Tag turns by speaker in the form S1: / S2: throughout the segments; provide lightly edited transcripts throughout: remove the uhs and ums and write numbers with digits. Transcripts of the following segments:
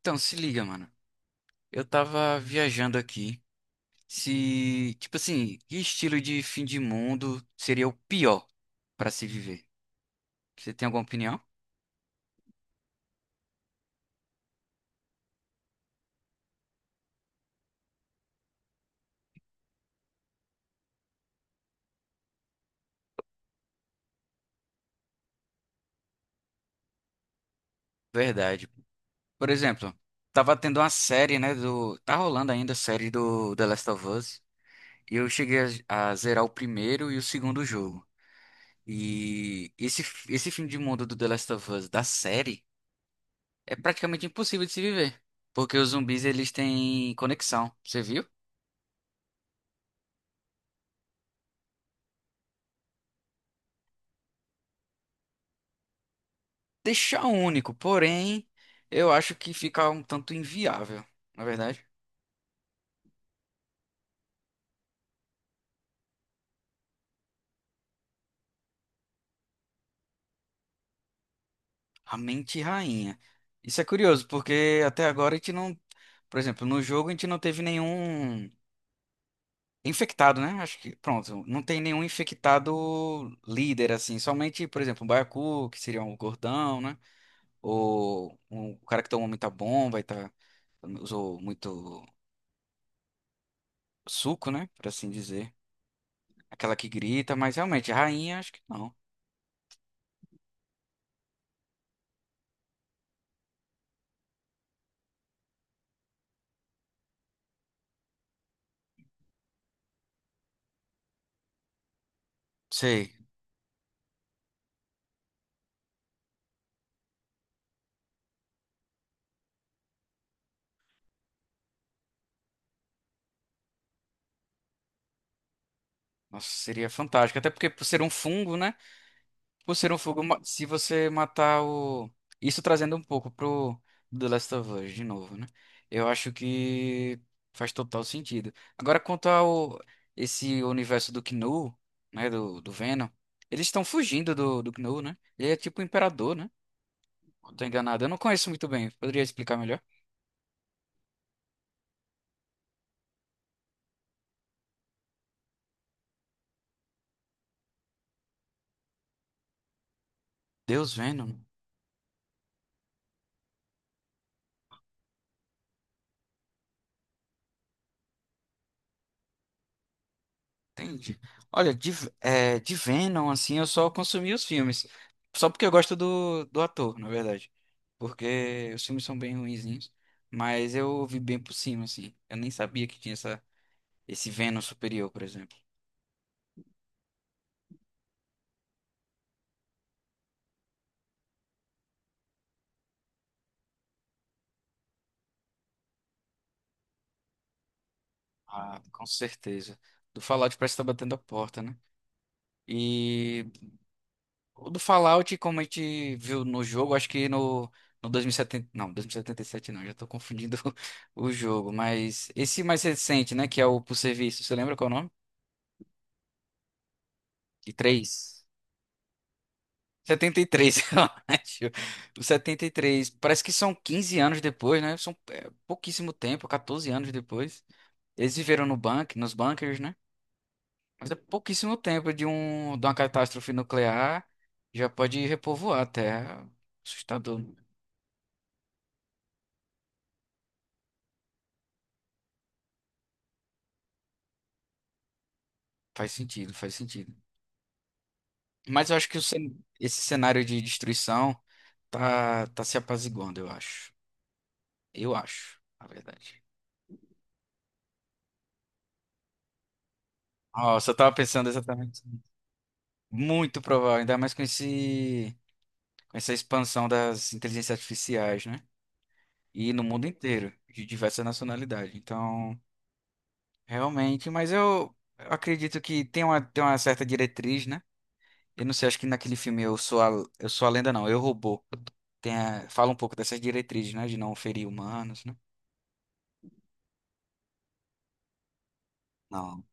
S1: Então, se liga, mano. Eu tava viajando aqui. Se, tipo assim, que estilo de fim de mundo seria o pior pra se viver? Você tem alguma opinião? Verdade. Por exemplo, tava tendo uma série, né, tá rolando ainda a série do The Last of Us, e eu cheguei a zerar o primeiro e o segundo jogo. E esse fim de mundo do The Last of Us da série é praticamente impossível de se viver, porque os zumbis eles têm conexão. Você viu? Deixar único, porém, eu acho que fica um tanto inviável, na verdade. A mente rainha. Isso é curioso, porque até agora a gente não, por exemplo, no jogo a gente não teve nenhum infectado, né? Acho que, pronto, não tem nenhum infectado líder assim, somente, por exemplo, um baiacu, que seria um gordão, né? Ou um cara que tomou muita bomba e tá usou muito suco, né, por assim dizer. Aquela que grita, mas realmente a rainha acho que não. Sei. Nossa, seria fantástico. Até porque por ser um fungo, né? Por ser um fungo, se você matar o. Isso trazendo um pouco pro The Last of Us de novo, né? Eu acho que faz total sentido. Agora, quanto ao esse universo do Knu, né? Do Venom, eles estão fugindo do Knu, né? Ele é tipo o imperador, né? Não tô enganado. Eu não conheço muito bem. Poderia explicar melhor? Deus Venom. Entendi. Olha, de, é, de Venom, assim, eu só consumi os filmes. Só porque eu gosto do ator, na verdade. Porque os filmes são bem ruinzinhos. Mas eu ouvi bem por cima, assim. Eu nem sabia que tinha essa, esse Venom superior, por exemplo. Ah, com certeza. Do Fallout parece que tá batendo a porta, né? E o do Fallout, como a gente viu no jogo, acho que no 2070. Não, 2077 não, já tô confundindo o jogo. Mas esse mais recente, né? Que é o por serviço, você lembra qual é o nome? E três? 73, eu acho. O 73 parece que são 15 anos depois, né? São é, pouquíssimo tempo, 14 anos depois. Eles viveram no bunker, nos bunkers, né? Mas é pouquíssimo tempo de, um, de uma catástrofe nuclear. Já pode repovoar a Terra. Assustador. Faz sentido, faz sentido. Mas eu acho que o esse cenário de destruição tá se apaziguando, eu acho. Eu acho, na verdade. Nossa, eu tava pensando exatamente. Muito provável, ainda mais com esse, com essa expansão das inteligências artificiais, né? E no mundo inteiro, de diversas nacionalidades. Então, realmente, mas eu acredito que tem uma certa diretriz, né? Eu não sei, acho que naquele filme Eu Sou a Lenda, não, Eu Robô. Fala um pouco dessas diretrizes, né? De não ferir humanos, né? Não.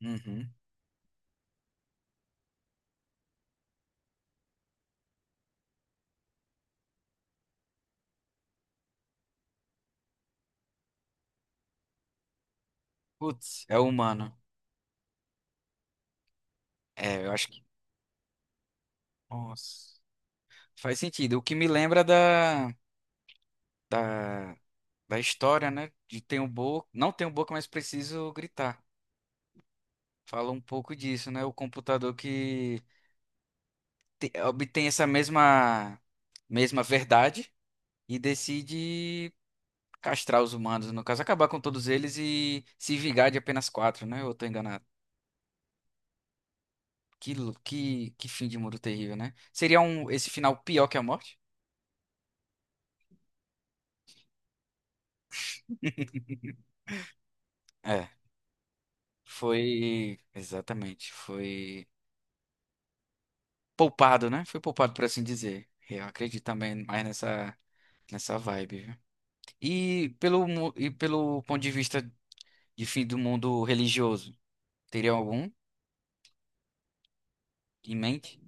S1: Uhum. Putz, é humano. É, eu acho que. Nossa. Faz sentido. O que me lembra da, da da história, né? De tem um boca, não tenho boca, mas preciso gritar. Fala um pouco disso, né? O computador que obtém essa mesma verdade e decide castrar os humanos, no caso, acabar com todos eles e se vingar de apenas quatro, né? Ou eu tô enganado. Que, que fim de mundo terrível, né? Seria um, esse final pior que a morte? É, foi. Exatamente. Foi poupado, né? Foi poupado, por assim dizer. Eu acredito também mais nessa. Nessa vibe, viu? E pelo, e pelo ponto de vista de fim do mundo religioso, teria algum em mente?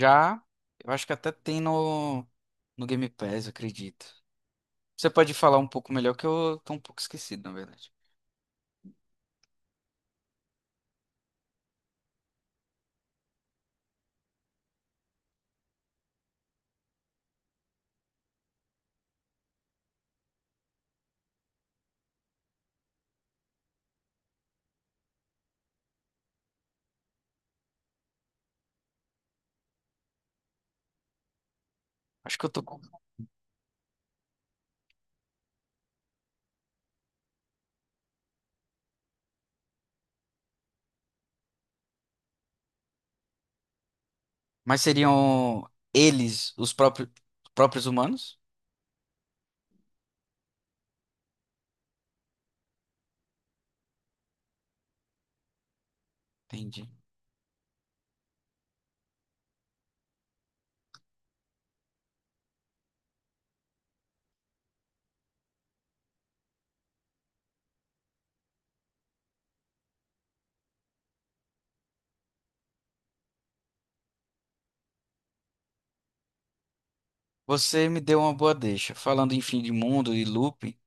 S1: Já, eu acho que até tem no, no Game Pass, eu acredito. Você pode falar um pouco melhor, que eu tô um pouco esquecido, na verdade. Acho que eu tô. Mas seriam eles, os próprios, próprios humanos? Entendi. Você me deu uma boa deixa. Falando em fim de mundo e looping,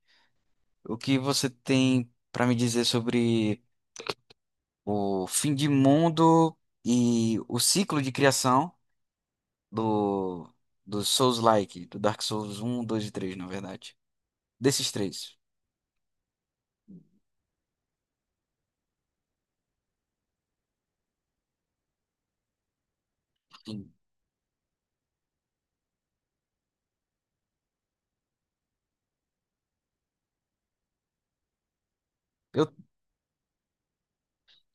S1: o que você tem pra me dizer sobre. O fim de mundo e o ciclo de criação do, do Souls-like, do Dark Souls um 2 e 3, na verdade. Desses três. Sim. Eu,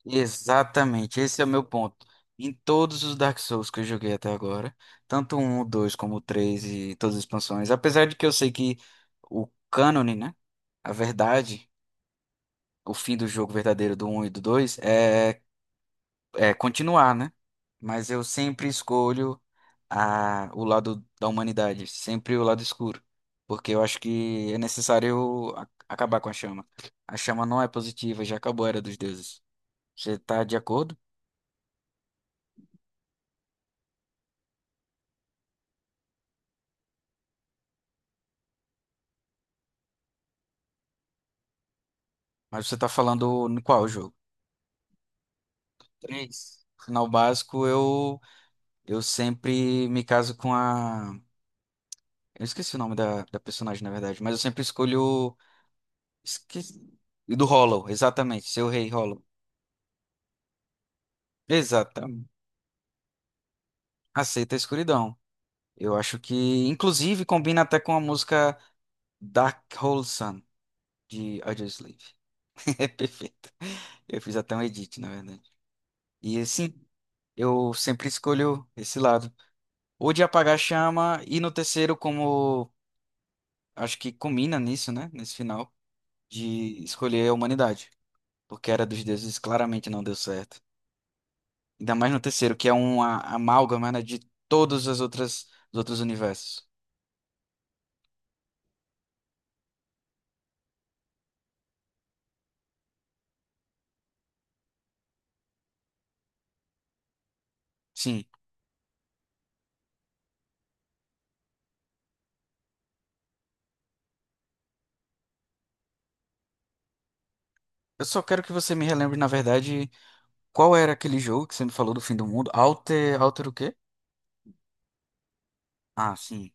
S1: exatamente, esse é o meu ponto. Em todos os Dark Souls que eu joguei até agora, tanto o 1, o 2 como o 3 e todas as expansões, apesar de que eu sei que o cânone, né? A verdade, o fim do jogo verdadeiro do um e do dois é é, continuar, né? Mas eu sempre escolho a, o lado da humanidade, sempre o lado escuro, porque eu acho que é necessário acabar com a chama. A chama não é positiva, já acabou a Era dos Deuses. Você tá de acordo? Mas você tá falando no qual jogo? Três. Final básico, eu sempre me caso com a. Eu esqueci o nome da personagem, na verdade, mas eu sempre escolho. Esqueci. Do Hollow, exatamente, seu rei Hollow. Exatamente. Aceita a escuridão. Eu acho que, inclusive, combina até com a música Dark Hole Sun, de Audioslave. É perfeito. Eu fiz até um edit, na verdade. E assim, eu sempre escolho esse lado. Ou de apagar a chama, e no terceiro, como acho que combina nisso, né? Nesse final, de escolher a humanidade. Porque a Era dos Deuses claramente não deu certo. Ainda mais no terceiro, que é uma amálgama, né, de todos as outras, os outros universos. Sim. Eu só quero que você me relembre, na verdade. Qual era aquele jogo que você me falou do fim do mundo? Alter, Alter o quê? Ah, sim.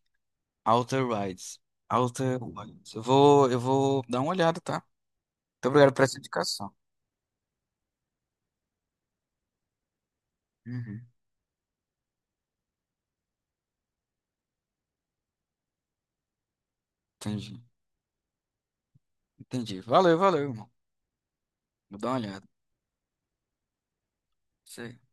S1: Alter Rides. Alter Rides. Eu vou dar uma olhada, tá? Muito obrigado por essa indicação. Uhum. Entendi. Entendi. Valeu, valeu, irmão. Vou dar uma olhada. Isso aí.